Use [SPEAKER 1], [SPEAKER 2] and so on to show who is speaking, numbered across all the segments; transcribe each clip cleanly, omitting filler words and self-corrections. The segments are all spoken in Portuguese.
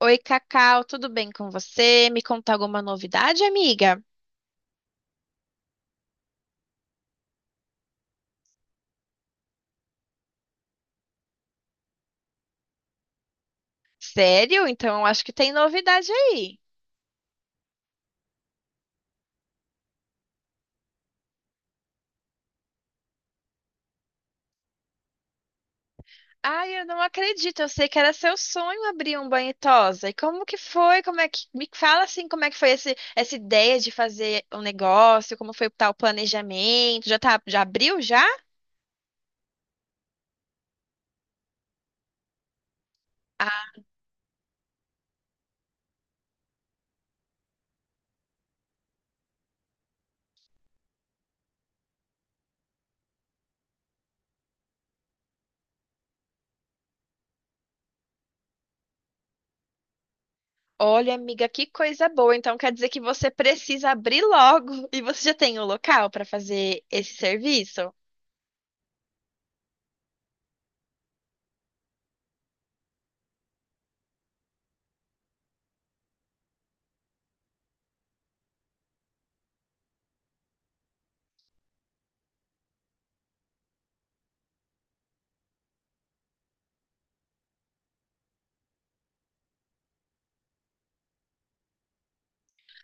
[SPEAKER 1] Oi, Cacau, tudo bem com você? Me conta alguma novidade, amiga? Sério? Então acho que tem novidade aí. Ai, eu não acredito. Eu sei que era seu sonho abrir um banho e tosa. E como que foi? Como é que me fala assim, como é que foi essa ideia de fazer um negócio? Como foi tá, o planejamento? Já tá, já abriu já? Ah. Olha, amiga, que coisa boa. Então quer dizer que você precisa abrir logo e você já tem o local para fazer esse serviço?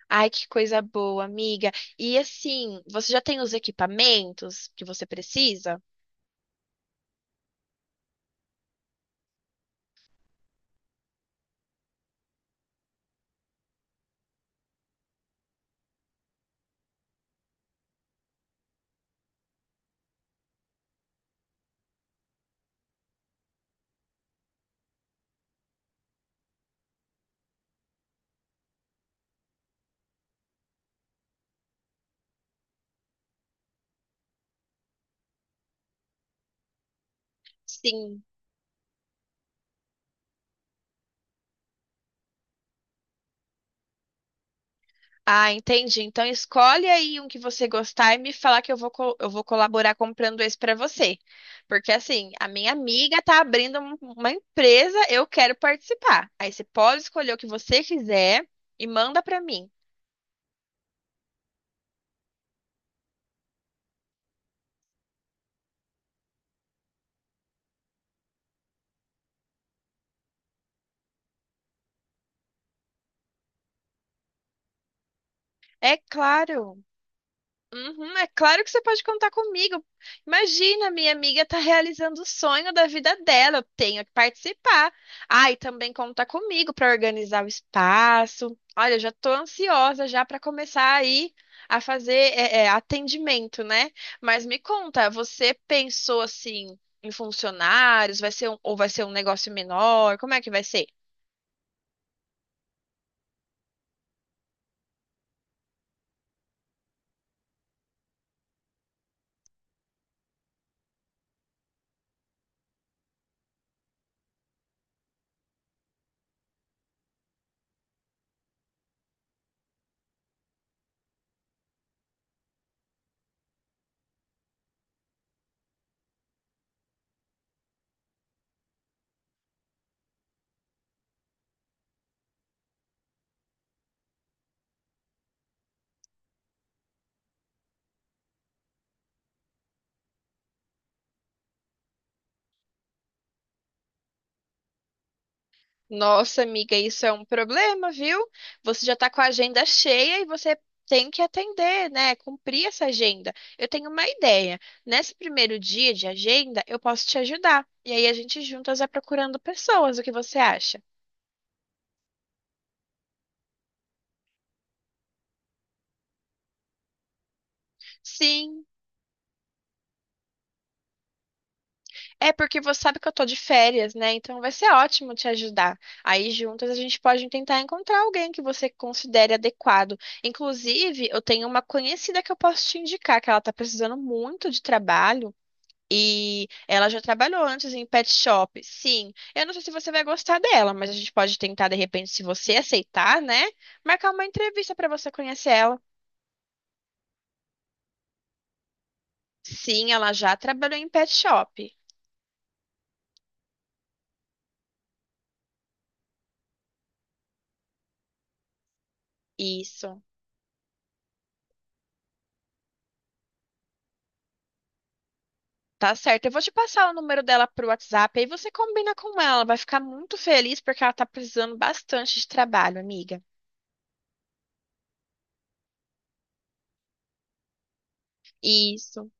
[SPEAKER 1] Ai, que coisa boa, amiga. E assim, você já tem os equipamentos que você precisa? Sim. Ah, entendi. Então escolhe aí um que você gostar e me falar que eu vou colaborar comprando esse para você. Porque assim, a minha amiga tá abrindo uma empresa, eu quero participar. Aí você pode escolher o que você quiser e manda para mim. É claro. Uhum, é claro que você pode contar comigo. Imagina, minha amiga tá realizando o sonho da vida dela. Eu tenho que participar. Ah, e também conta comigo para organizar o espaço. Olha, eu já tô ansiosa já para começar aí a fazer atendimento, né? Mas me conta, você pensou assim em funcionários? Vai ser um, ou vai ser um negócio menor? Como é que vai ser? Nossa, amiga, isso é um problema, viu? Você já tá com a agenda cheia e você tem que atender, né? Cumprir essa agenda. Eu tenho uma ideia. Nesse primeiro dia de agenda, eu posso te ajudar. E aí a gente juntas vai procurando pessoas. O que você acha? Sim, é porque você sabe que eu tô de férias, né? Então vai ser ótimo te ajudar. Aí juntas a gente pode tentar encontrar alguém que você considere adequado. Inclusive, eu tenho uma conhecida que eu posso te indicar, que ela tá precisando muito de trabalho. E ela já trabalhou antes em pet shop. Sim, eu não sei se você vai gostar dela, mas a gente pode tentar, de repente, se você aceitar, né? Marcar uma entrevista para você conhecer ela. Sim, ela já trabalhou em pet shop. Isso, tá certo. Eu vou te passar o número dela pro WhatsApp, aí você combina com ela. Vai ficar muito feliz porque ela tá precisando bastante de trabalho, amiga. Isso.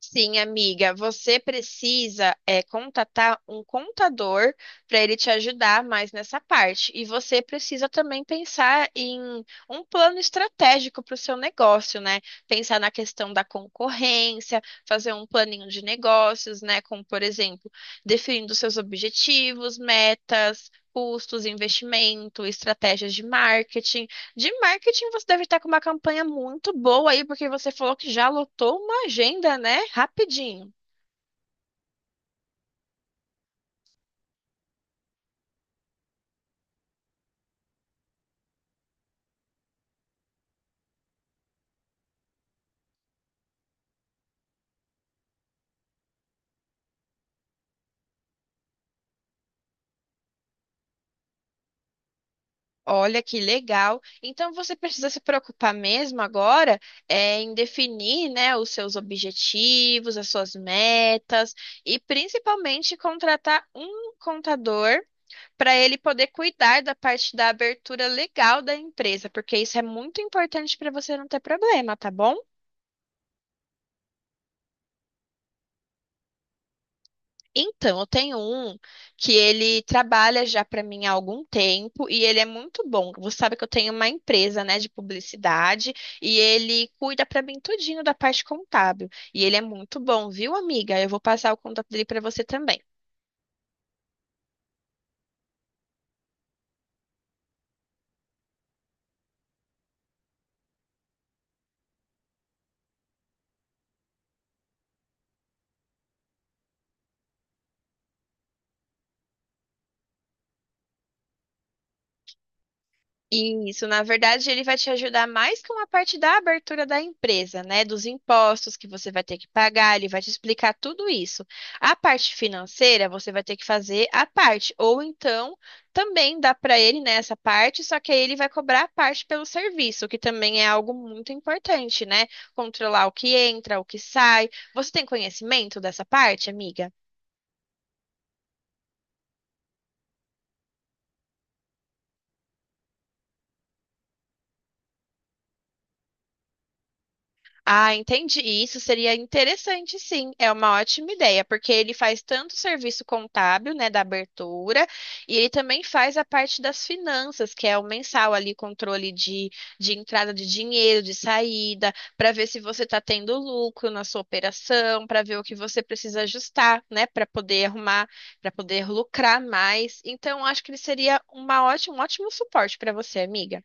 [SPEAKER 1] Sim, amiga, você precisa contatar um contador para ele te ajudar mais nessa parte. E você precisa também pensar em um plano estratégico para o seu negócio, né? Pensar na questão da concorrência, fazer um planinho de negócios, né? Como, por exemplo, definindo seus objetivos, metas. Custos, investimento, estratégias de marketing. De marketing, você deve estar com uma campanha muito boa aí, porque você falou que já lotou uma agenda, né? Rapidinho. Olha que legal. Então você precisa se preocupar mesmo agora em definir, né, os seus objetivos, as suas metas e principalmente contratar um contador para ele poder cuidar da parte da abertura legal da empresa, porque isso é muito importante para você não ter problema, tá bom? Então, eu tenho um que ele trabalha já para mim há algum tempo e ele é muito bom. Você sabe que eu tenho uma empresa, né, de publicidade e ele cuida para mim tudinho da parte contábil. E ele é muito bom, viu, amiga? Eu vou passar o contato dele para você também. Isso, na verdade, ele vai te ajudar mais com a parte da abertura da empresa, né? Dos impostos que você vai ter que pagar, ele vai te explicar tudo isso. A parte financeira, você vai ter que fazer a parte, ou então também dá para ele, né, essa parte, só que aí ele vai cobrar a parte pelo serviço, que também é algo muito importante, né? Controlar o que entra, o que sai. Você tem conhecimento dessa parte, amiga? Ah, entendi. Isso seria interessante, sim. É uma ótima ideia, porque ele faz tanto o serviço contábil, né, da abertura, e ele também faz a parte das finanças, que é o mensal ali, controle de entrada de dinheiro, de saída, para ver se você está tendo lucro na sua operação, para ver o que você precisa ajustar, né, para poder arrumar, para poder lucrar mais. Então, acho que ele seria um ótimo suporte para você, amiga.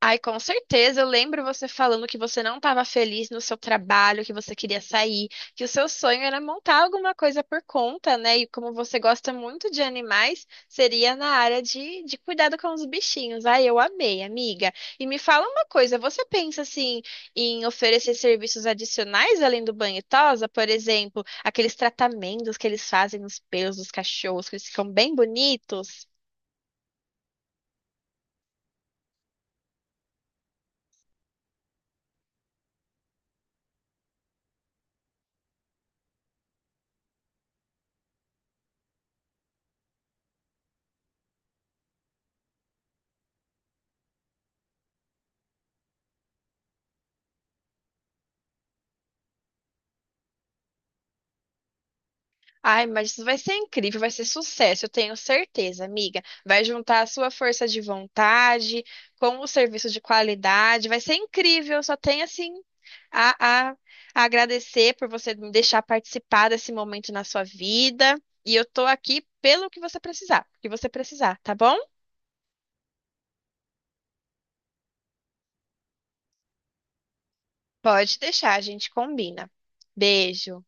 [SPEAKER 1] Ai, com certeza. Eu lembro você falando que você não estava feliz no seu trabalho, que você queria sair, que o seu sonho era montar alguma coisa por conta, né? E como você gosta muito de animais, seria na área de cuidado com os bichinhos. Ai, eu amei, amiga. E me fala uma coisa, você pensa assim em oferecer serviços adicionais além do banho e tosa? Por exemplo, aqueles tratamentos que eles fazem nos pelos dos cachorros, que eles ficam bem bonitos? Ai, mas isso vai ser incrível, vai ser sucesso, eu tenho certeza, amiga. Vai juntar a sua força de vontade com o serviço de qualidade, vai ser incrível. Só tenho assim a, a- a agradecer por você me deixar participar desse momento na sua vida. E eu tô aqui pelo que você precisar, o que você precisar, tá bom? Pode deixar, a gente combina. Beijo.